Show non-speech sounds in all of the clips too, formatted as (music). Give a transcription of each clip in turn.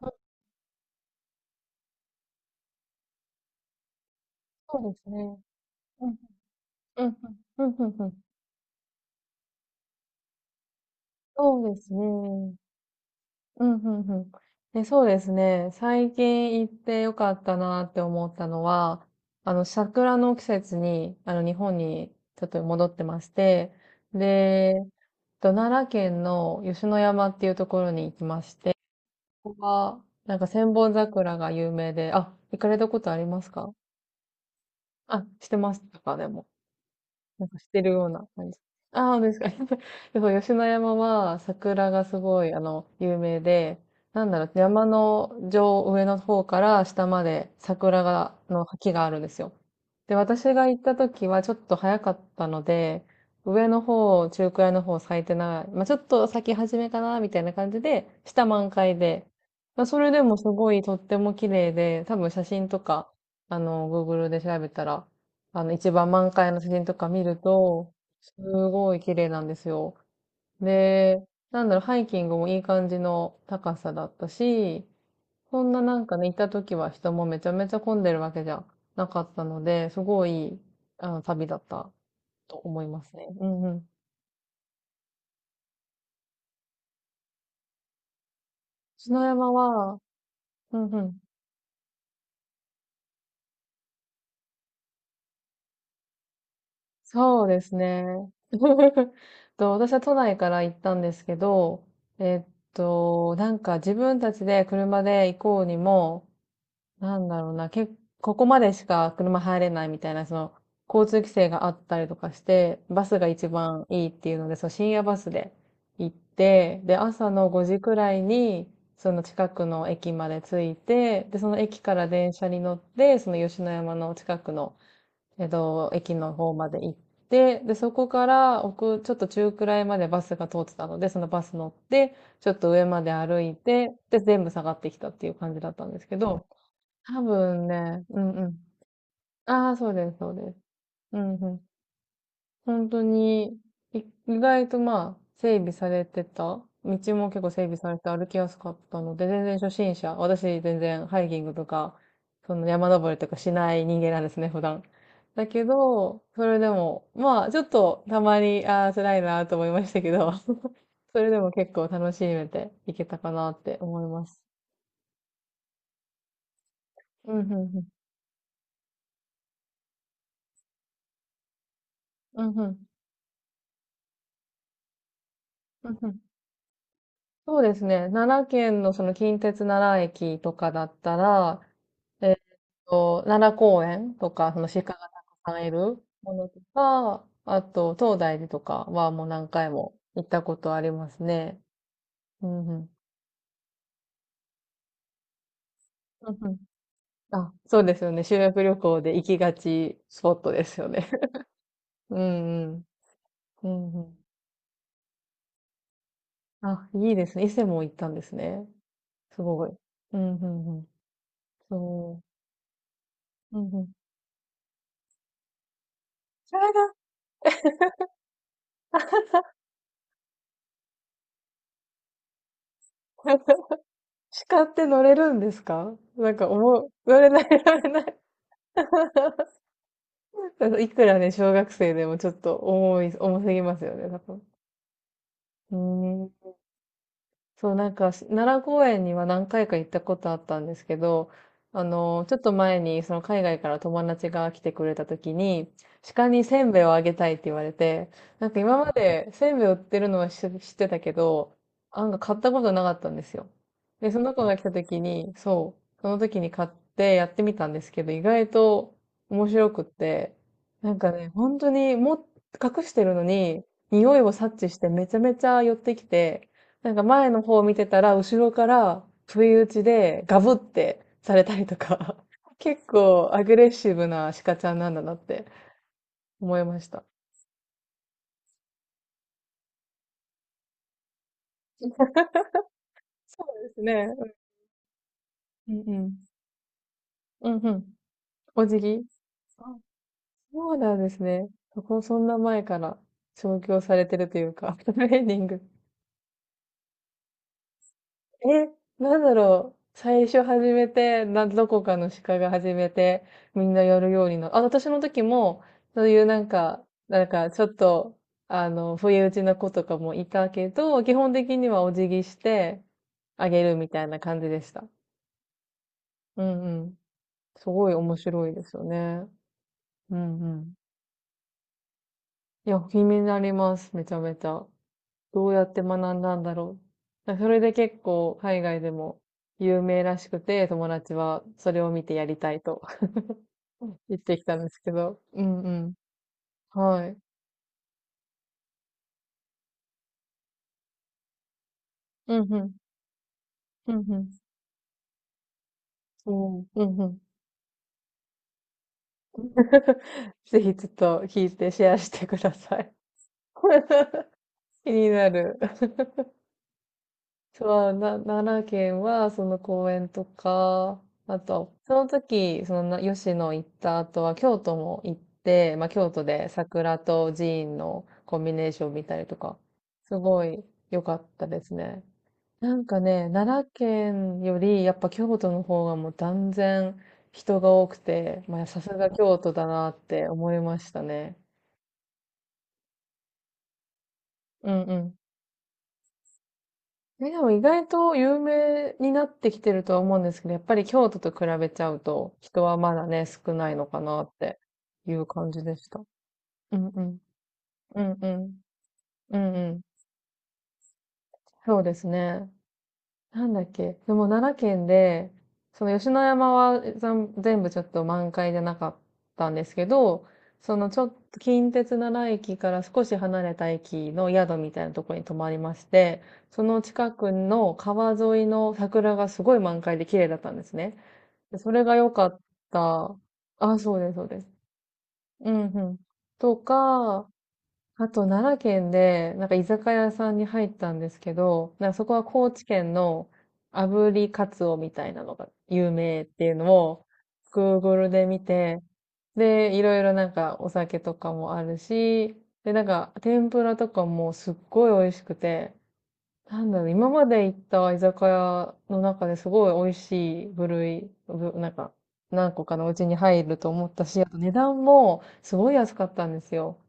あ、そうですね。うん、うん、うん、うん、うん。そうですね。うん、うん、うん。で、そうですね。最近行ってよかったなって思ったのは、桜の季節に、日本にちょっと戻ってまして、で、奈良県の吉野山っていうところに行きまして、ここは、なんか千本桜が有名で、あ、行かれたことありますか？あ、してましたか、でも。なんかしてるような感じ。ああ、ですか。(laughs) でそう、吉野山は桜がすごい、有名で、なんだろう、山の上、上の方から下まで桜が、の木があるんですよ。で、私が行った時はちょっと早かったので、上の方、中くらいの方咲いてない。まあ、ちょっと咲き始めかな、みたいな感じで、下満開で。まあ、それでもすごいとっても綺麗で、多分写真とか、Google で調べたら、一番満開の写真とか見ると、すごい綺麗なんですよ。で、なんだろう、ハイキングもいい感じの高さだったし、そんななんかね、行った時は人もめちゃめちゃ混んでるわけじゃなかったので、すごいいい、旅だったと思いますね。うんうん。篠山は、うんうん。そうですね。(laughs) 私は都内から行ったんですけど、なんか自分たちで車で行こうにも、なんだろうな、ここまでしか車入れないみたいな、その、交通規制があったりとかして、バスが一番いいっていうので、そう、深夜バスで行って、で、朝の5時くらいに、その近くの駅まで着いて、で、その駅から電車に乗って、その吉野山の近くの、駅の方まで行って、で、そこから奥、ちょっと中くらいまでバスが通ってたので、そのバス乗って、ちょっと上まで歩いて、で、全部下がってきたっていう感じだったんですけど、多分ね、うんうん。ああ、そうです、そうです。うんうん。本当に、い意外とまあ、整備されてた。道も結構整備されて歩きやすかったので、全然初心者。私全然ハイキングとか、その山登りとかしない人間なんですね、普段。だけど、それでも、まあ、ちょっとたまに、ああ、辛いなと思いましたけど、(laughs) それでも結構楽しめていけたかなって思います。うんうんうん。うんうん。うんうん。そうですね。奈良県のその近鉄奈良駅とかだったら、えーっ奈良公園とか、その鹿がたくさんいるものとか、あと、東大寺とかはもう何回も行ったことありますね。うんうん。うんうん。あ、そうですよね。修学旅行で行きがちスポットですよね。(laughs) うんうん。うんうん。あ、いいですね。伊勢も行ったんですね。すごい。うんうんうん。そう。うんうん。それが。 (laughs)、鹿って乗れるんですか？なんか重い、乗れない、乗れない。(laughs) いくらね、小学生でもちょっと重い、重すぎますよね、多分。うーん。そう、なんか、奈良公園には何回か行ったことあったんですけど、あの、ちょっと前に、その海外から友達が来てくれた時に、鹿にせんべいをあげたいって言われて、なんか今までせんべい売ってるのは知ってたけど、なんか買ったことなかったんですよ。で、その子が来た時に、そう、その時に買ってやってみたんですけど、意外と面白くって、なんかね、本当にも隠してるのに、匂いを察知してめちゃめちゃ寄ってきて、なんか前の方を見てたら、後ろから不意打ちでガブってされたりとか、(laughs) 結構アグレッシブな鹿ちゃんなんだなって思いました。そうですね。うんうん。うんうん。お辞儀。あ、そうなんですね。そこ、そんな前から調教されてるというか、(laughs) トレーニング。え、なんだろう。最初始めて、どこかの鹿が始めて、みんなやるようにあ、私の時も、そういうなんか、なんかちょっと、不意打ちな子とかもいたけど、基本的にはお辞儀してあげるみたいな感じでした。うんうん。すごい面白いですよね。うんうん。いや、気になります。めちゃめちゃ。どうやって学んだんだろう。だからそれで結構海外でも有名らしくて、友達はそれを見てやりたいと (laughs) 言ってきたんですけど。うんうん。はい。うんうん。うんうん。おーうんうん。(laughs) ぜひちょっと聞いてシェアしてください。(laughs) 気になる。そう、奈良県は、その公園とか、あと、その時、その吉野行った後は、京都も行って、まあ、京都で桜と寺院のコンビネーション見たりとか、すごい良かったですね。なんかね、奈良県より、やっぱ京都の方がもう断然人が多くて、まあ、さすが京都だなって思いましたね。うんうん。え、でも意外と有名になってきてるとは思うんですけど、やっぱり京都と比べちゃうと、人はまだね、少ないのかなっていう感じでした。うんうん。うんうん。うんうん。そうですね。なんだっけ、でも奈良県で、その吉野山は全部ちょっと満開じゃなかったんですけど、そのちょっと近鉄奈良駅から少し離れた駅の宿みたいなところに泊まりまして、その近くの川沿いの桜がすごい満開で綺麗だったんですね。でそれが良かった。あ、そうです、そうです。うんうん。とか、あと、奈良県で、なんか居酒屋さんに入ったんですけど、なんかそこは高知県の炙りカツオみたいなのが有名っていうのを Google で見て、で、いろいろなんかお酒とかもあるし、で、なんか天ぷらとかもすっごい美味しくて、なんだろう、今まで行った居酒屋の中ですごい美味しい部類、なんか何個かのうちに入ると思ったし、あと値段もすごい安かったんですよ。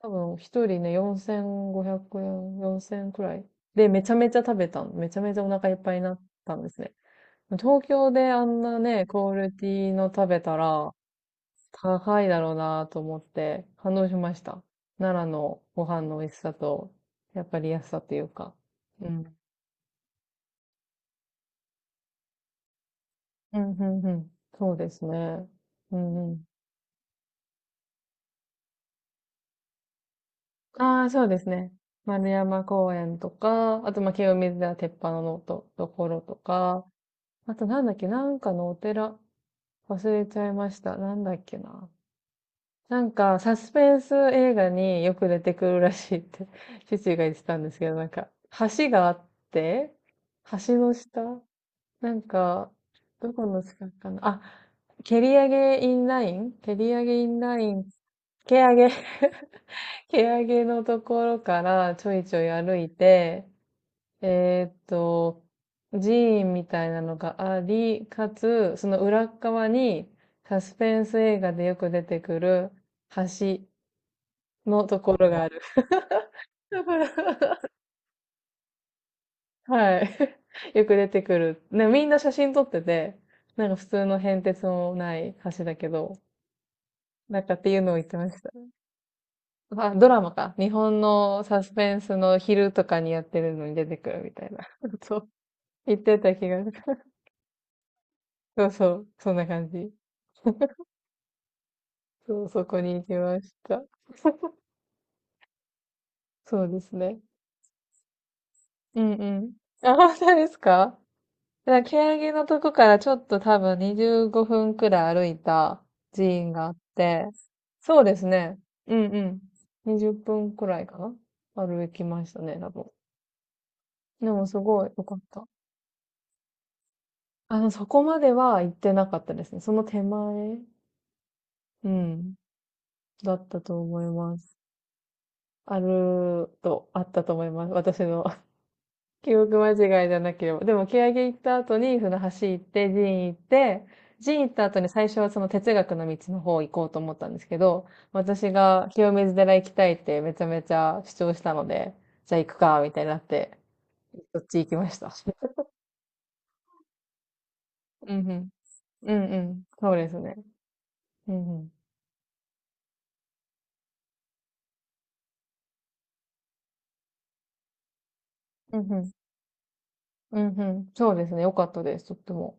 多分一人ね、4500円、4000くらい。で、めちゃめちゃ食べたの。めちゃめちゃお腹いっぱいになったんですね。東京であんなね、クオリティの食べたら高いだろうなと思って感動しました。奈良のご飯の美味しさと、やっぱり安さというか。うん。うん、うん、うん。そうですね。うん、うん。ああ、そうですね。丸山公園とか、あと、まあ、清水寺鉄板のところとか、あとなんだっけ、なんかのお寺、忘れちゃいました。なんだっけな。なんか、サスペンス映画によく出てくるらしいって (laughs) 父が言ってたんですけど、なんか、橋があって、橋の下なんか、どこの近くかな。あ、蹴り上げインライン蹴り上げインライン、蹴上げ。 (laughs) 蹴上げのところからちょいちょい歩いて、えーっと、寺院みたいなのがあり、かつ、その裏側にサスペンス映画でよく出てくる橋のところがある。(laughs) だから。 (laughs) はい。(laughs) よく出てくる。ね、みんな写真撮ってて、なんか普通の変哲もない橋だけど、なんかっていうのを言ってました。あ、ドラマか。日本のサスペンスの昼とかにやってるのに出てくるみたいな。(laughs) そう。言ってた気がする。そうそう。そんな感じ。そう、そこに行きました。そうですね。うんうん。あ、本当ですか？だから、蹴のとこからちょっと多分25分くらい歩いた寺院があって、そうですね。うんうん。20分くらいかな歩きましたね、多分。でもすごい良かった。あの、そこまでは行ってなかったですね。その手前、うん、だったと思います。あると、あったと思います。私の記憶間違いじゃなければ。でも、蹴上行った後に船橋行って、寺院行って、寺院行った後に最初はその哲学の道の方行こうと思ったんですけど、私が清水寺行きたいってめちゃめちゃ主張したので、じゃあ行くか、みたいになって、そっち行きました。(laughs) うんうん。うんうん。そうですね。うんうん。うんうん。うんうん。そうですね。よかったです。とっても。